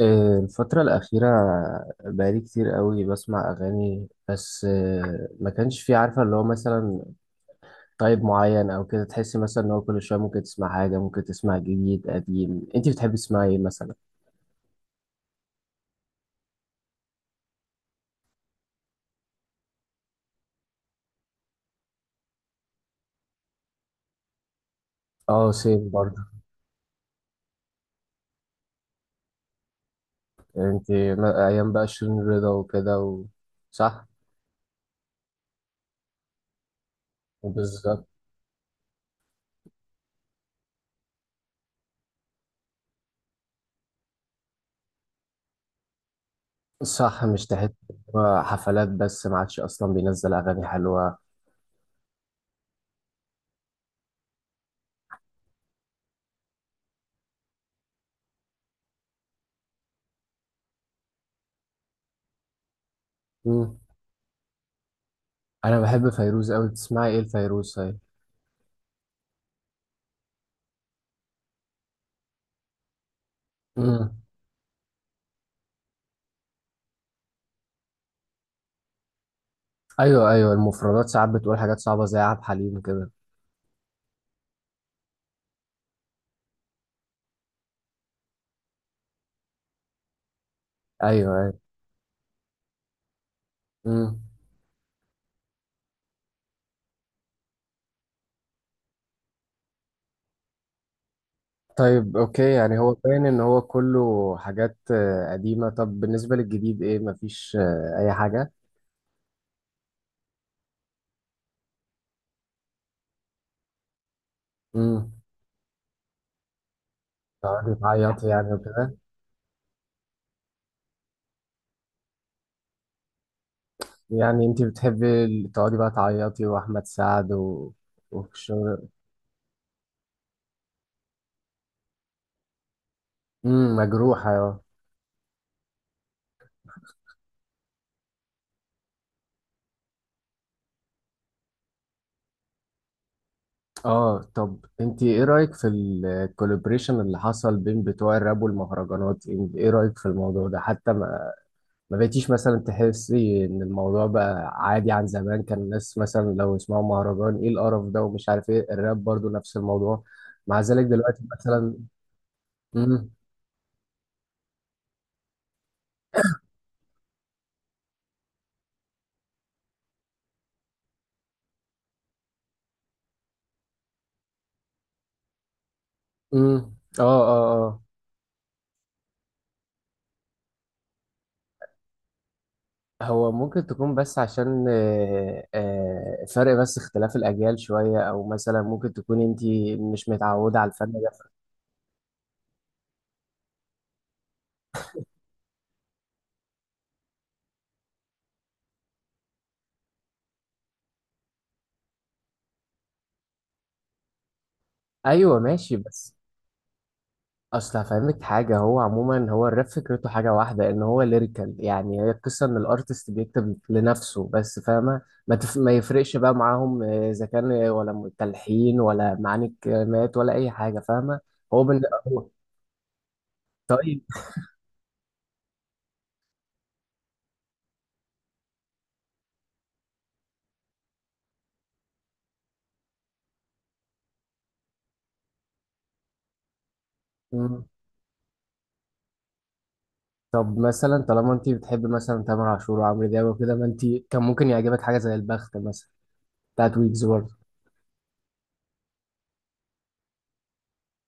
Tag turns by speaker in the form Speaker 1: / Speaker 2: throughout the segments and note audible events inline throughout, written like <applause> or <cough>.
Speaker 1: الفترة الأخيرة بقالي كتير قوي بسمع أغاني، بس ما كانش في، عارفة اللي هو مثلا طيب معين أو كده. تحسي مثلا إن هو كل شوية ممكن تسمع حاجة، ممكن تسمع جديد قديم؟ أنت بتحبي تسمعي إيه مثلا؟ أه، سيم برضه. أنت أيام بقى شيرين رضا وكده. صح؟ بالظبط. صح، مش تحس إن هو حفلات بس، ما عادش أصلا بينزل أغاني حلوة؟ مم. أنا بحب فيروز أوي، تسمعي إيه لفيروز؟ طيب؟ ايوه ايوه، المفردات ساعات بتقول حاجات صعبه زي عبد الحليم كده. ايوه ايوه. امم. طيب اوكي، يعني هو باين ان هو كله حاجات قديمه. طب بالنسبه للجديد ايه؟ مفيش اي حاجه؟ امم تقعدي تعيطي يعني وكده. يعني انت بتحبي تقعدي بقى تعيطي واحمد سعد وشغل. مجروحه اه. اه، طب انت ايه رايك في الكولابريشن اللي حصل بين بتوع الراب والمهرجانات؟ ايه رايك في الموضوع ده حتى؟ ما بقيتيش مثلا تحسي ان الموضوع بقى عادي عن زمان؟ كان الناس مثلا لو يسمعوا مهرجان: ايه القرف ده؟ ومش عارف ايه. الراب برضو نفس الموضوع مع ذلك دلوقتي مثلا. امم. امم. اه. اه. اه. هو ممكن تكون، بس عشان فرق، بس اختلاف الاجيال شوية، او مثلا ممكن تكون انتي مش متعودة على الفن ده. ايوه ماشي بس، اصل هفهمك حاجه، هو عموما، هو الراب فكرته حاجه واحده، ان هو ليريكال، يعني هي القصه ان الارتست بيكتب لنفسه بس، فاهمه؟ ما يفرقش بقى معاهم، اذا كان ولا تلحين ولا معاني الكلمات ولا اي حاجه، فاهمه؟ هو بن... هو طيب. مم. طب مثلا، طالما انت بتحب مثلا تامر عاشور وعمرو دياب وكده، ما انت كان ممكن يعجبك حاجه زي البخت مثلا بتاعت ويجز.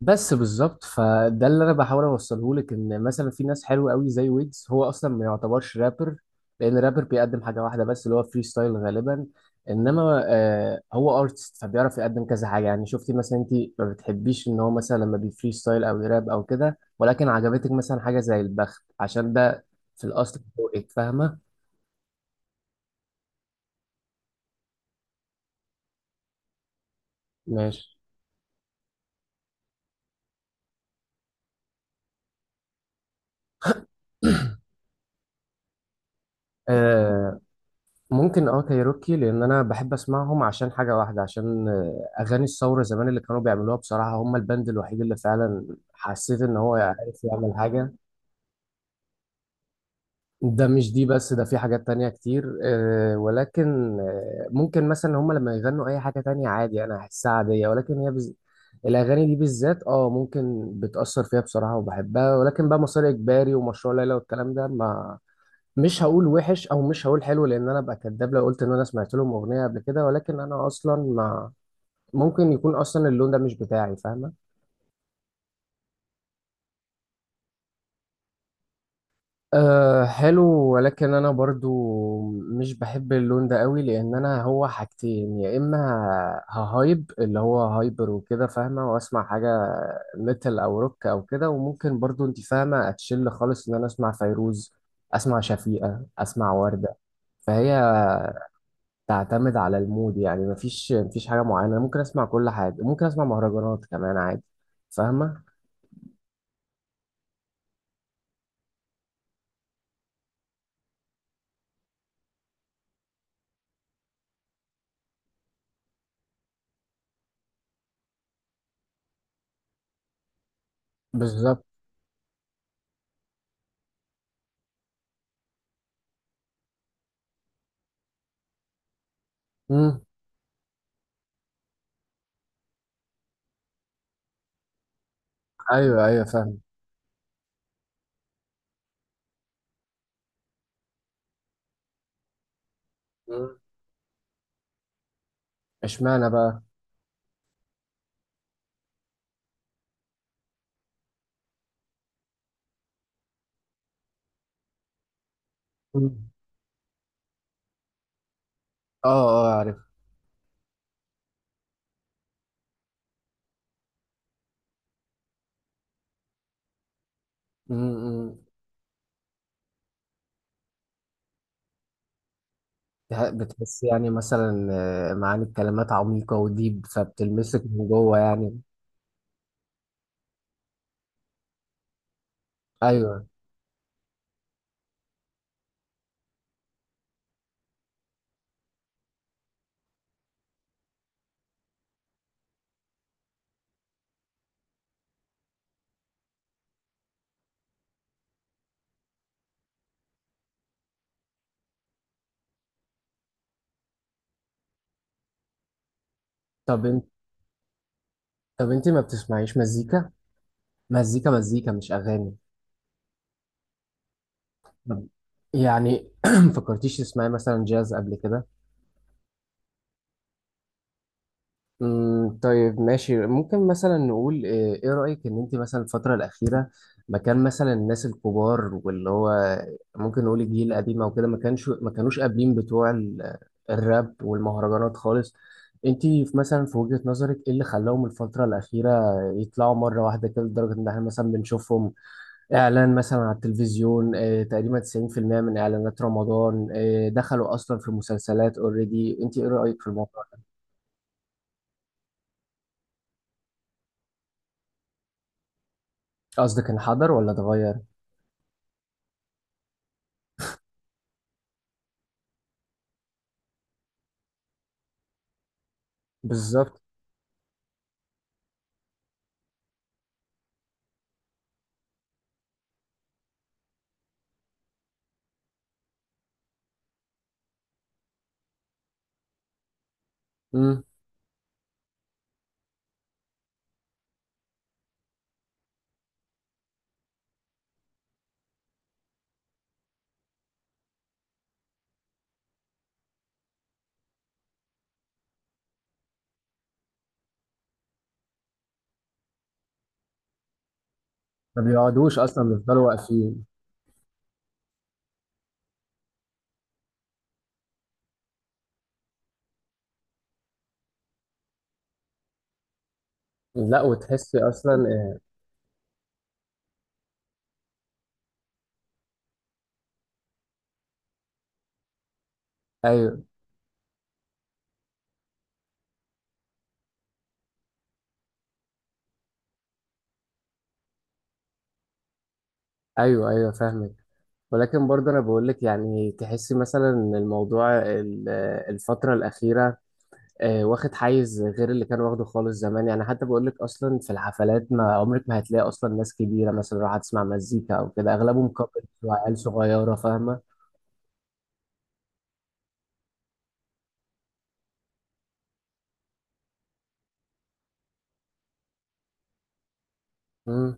Speaker 1: بس بالظبط، فده اللي انا بحاول اوصله لك، ان مثلا في ناس حلوه قوي زي ويجز، هو اصلا ما يعتبرش رابر. لان رابر بيقدم حاجه واحده بس، اللي هو فري ستايل غالبا. انما هو ارتست، فبيعرف يقدم كذا حاجه. يعني شفتي مثلا انت ما بتحبيش ان هو مثلا لما بيفري ستايل او يراب او كده، ولكن عجبتك مثلا حاجه زي البخت، عشان ده في الاصل ذوقك، فاهمه؟ ماشي. <clears throat> آه، ممكن كايروكي، لان انا بحب اسمعهم عشان حاجه واحده، عشان اغاني الثوره زمان اللي كانوا بيعملوها، بصراحه هم البند الوحيد اللي فعلا حسيت ان هو عارف يعمل حاجه. ده مش دي بس، ده في حاجات تانية كتير، ولكن ممكن مثلا هم لما يغنوا اي حاجه تانية عادي، انا احسها عاديه. ولكن الاغاني دي بالذات اه ممكن بتاثر فيها بصراحه وبحبها. ولكن بقى مسار اجباري ومشروع ليلى والكلام ده، ما مش هقول وحش او مش هقول حلو، لان انا ابقى كداب لو قلت ان انا سمعت لهم اغنيه قبل كده. ولكن انا اصلا ما ممكن يكون اصلا اللون ده مش بتاعي، فاهمه؟ أه، حلو. ولكن انا برضو مش بحب اللون ده قوي، لان انا هو حاجتين: يا اما اللي هو هايبر وكده، فاهمه، واسمع حاجه ميتال او روك او كده، وممكن برضو انت فاهمه اتشل خالص ان انا اسمع فيروز، اسمع شفيقه، اسمع ورده. فهي تعتمد على المود، يعني مفيش مفيش حاجة معينة. ممكن أسمع كل حاجة، ممكن أسمع مهرجانات كمان عادي، فاهمة؟ بالظبط. مم. أيوه أيوه فاهم. مم. اشمعنى بقى؟ مم. اه اه عارف. مم، مم. بتحس يعني مثلا معاني الكلمات عميقة وديب، فبتلمسك من جوه يعني. أيوه. طب أنت، ما بتسمعيش مزيكا؟ مزيكا مزيكا مش أغاني. طب يعني، <clears throat> فكرتيش تسمعي مثلا جاز قبل كده؟ طيب ماشي. ممكن مثلا نقول ايه، إيه رأيك ان انت مثلا الفترة الأخيرة، مكان مثلا الناس الكبار، واللي هو ممكن نقول الجيل القديم او كده، ما كانوش قابلين بتوع الراب والمهرجانات خالص؟ انت في مثلا، في وجهة نظرك ايه اللي خلاهم الفترة الأخيرة يطلعوا مرة واحدة كده، لدرجة ان احنا مثلا بنشوفهم اعلان مثلا على التلفزيون؟ إيه تقريبا 90% من اعلانات رمضان إيه، دخلوا اصلا في مسلسلات اوريدي. انت ايه رأيك في الموضوع؟ قصدك انحدر ولا اتغير؟ بالظبط. امم. ما بيقعدوش اصلا، بيفضلوا واقفين. لا، وتحسي اصلا. ايوه ايوه. ايوه فاهمك. ولكن برضه انا بقول لك، يعني تحسي مثلا إن الموضوع الفتره الاخيره واخد حيز غير اللي كان واخده خالص زمان؟ يعني حتى بقول لك اصلا في الحفلات ما عمرك ما هتلاقي اصلا ناس كبيره مثلا راح تسمع مزيكا او كده، اغلبهم كابلز وعيال صغيره، فاهمه؟ امم.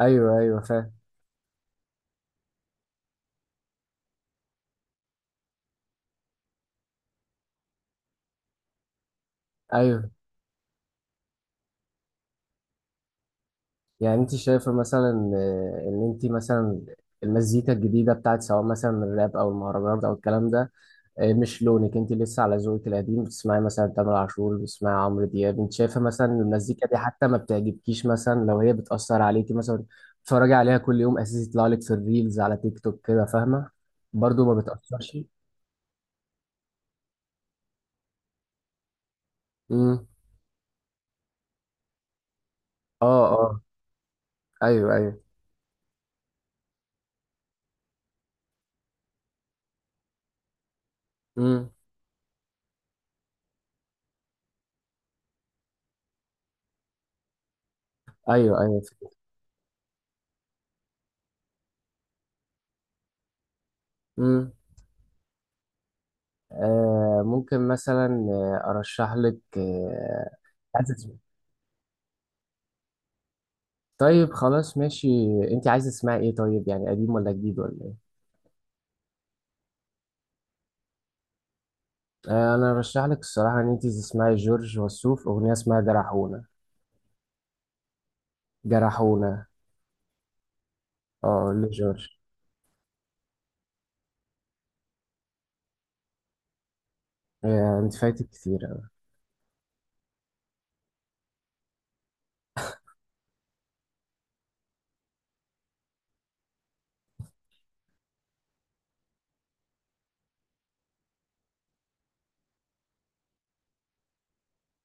Speaker 1: ايوه ايوه فاهم. ايوه. يعني انت شايفة مثلا ان انت مثلا المزيكا الجديدة بتاعت سواء مثلا الراب او المهرجانات او الكلام ده، مش لونك. انت لسه على ذوقك القديم، بتسمعي مثلا تامر عاشور، بتسمعي عمرو دياب. انت شايفة مثلا إن المزيكا دي حتى ما بتعجبكيش مثلا؟ لو هي بتأثر عليكي مثلا بتتفرجي عليها كل يوم اساسي، يطلع لك في الريلز على تيك توك كده، فاهمة، برضو ما بتأثرش؟ امم. اه اه. ايوه ايوه. امم. ايوه ايوه. امم. ممكن مثلا ارشح لك عايز اسمع. طيب خلاص ماشي. انت عايزه تسمعي ايه، طيب يعني قديم ولا جديد ولا ايه؟ انا ارشح لك الصراحه ان انت تسمعي جورج وسوف اغنيه اسمها جرحونا. جرحونا. اه لجورج. انت فايتك كتير أوي.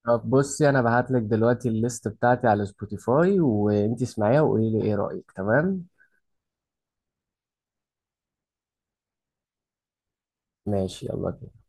Speaker 1: طب بصي، انا بعت لك دلوقتي الليست بتاعتي على سبوتيفاي، وانت اسمعيها وقولي لي ايه رايك. تمام ماشي يلا بينا.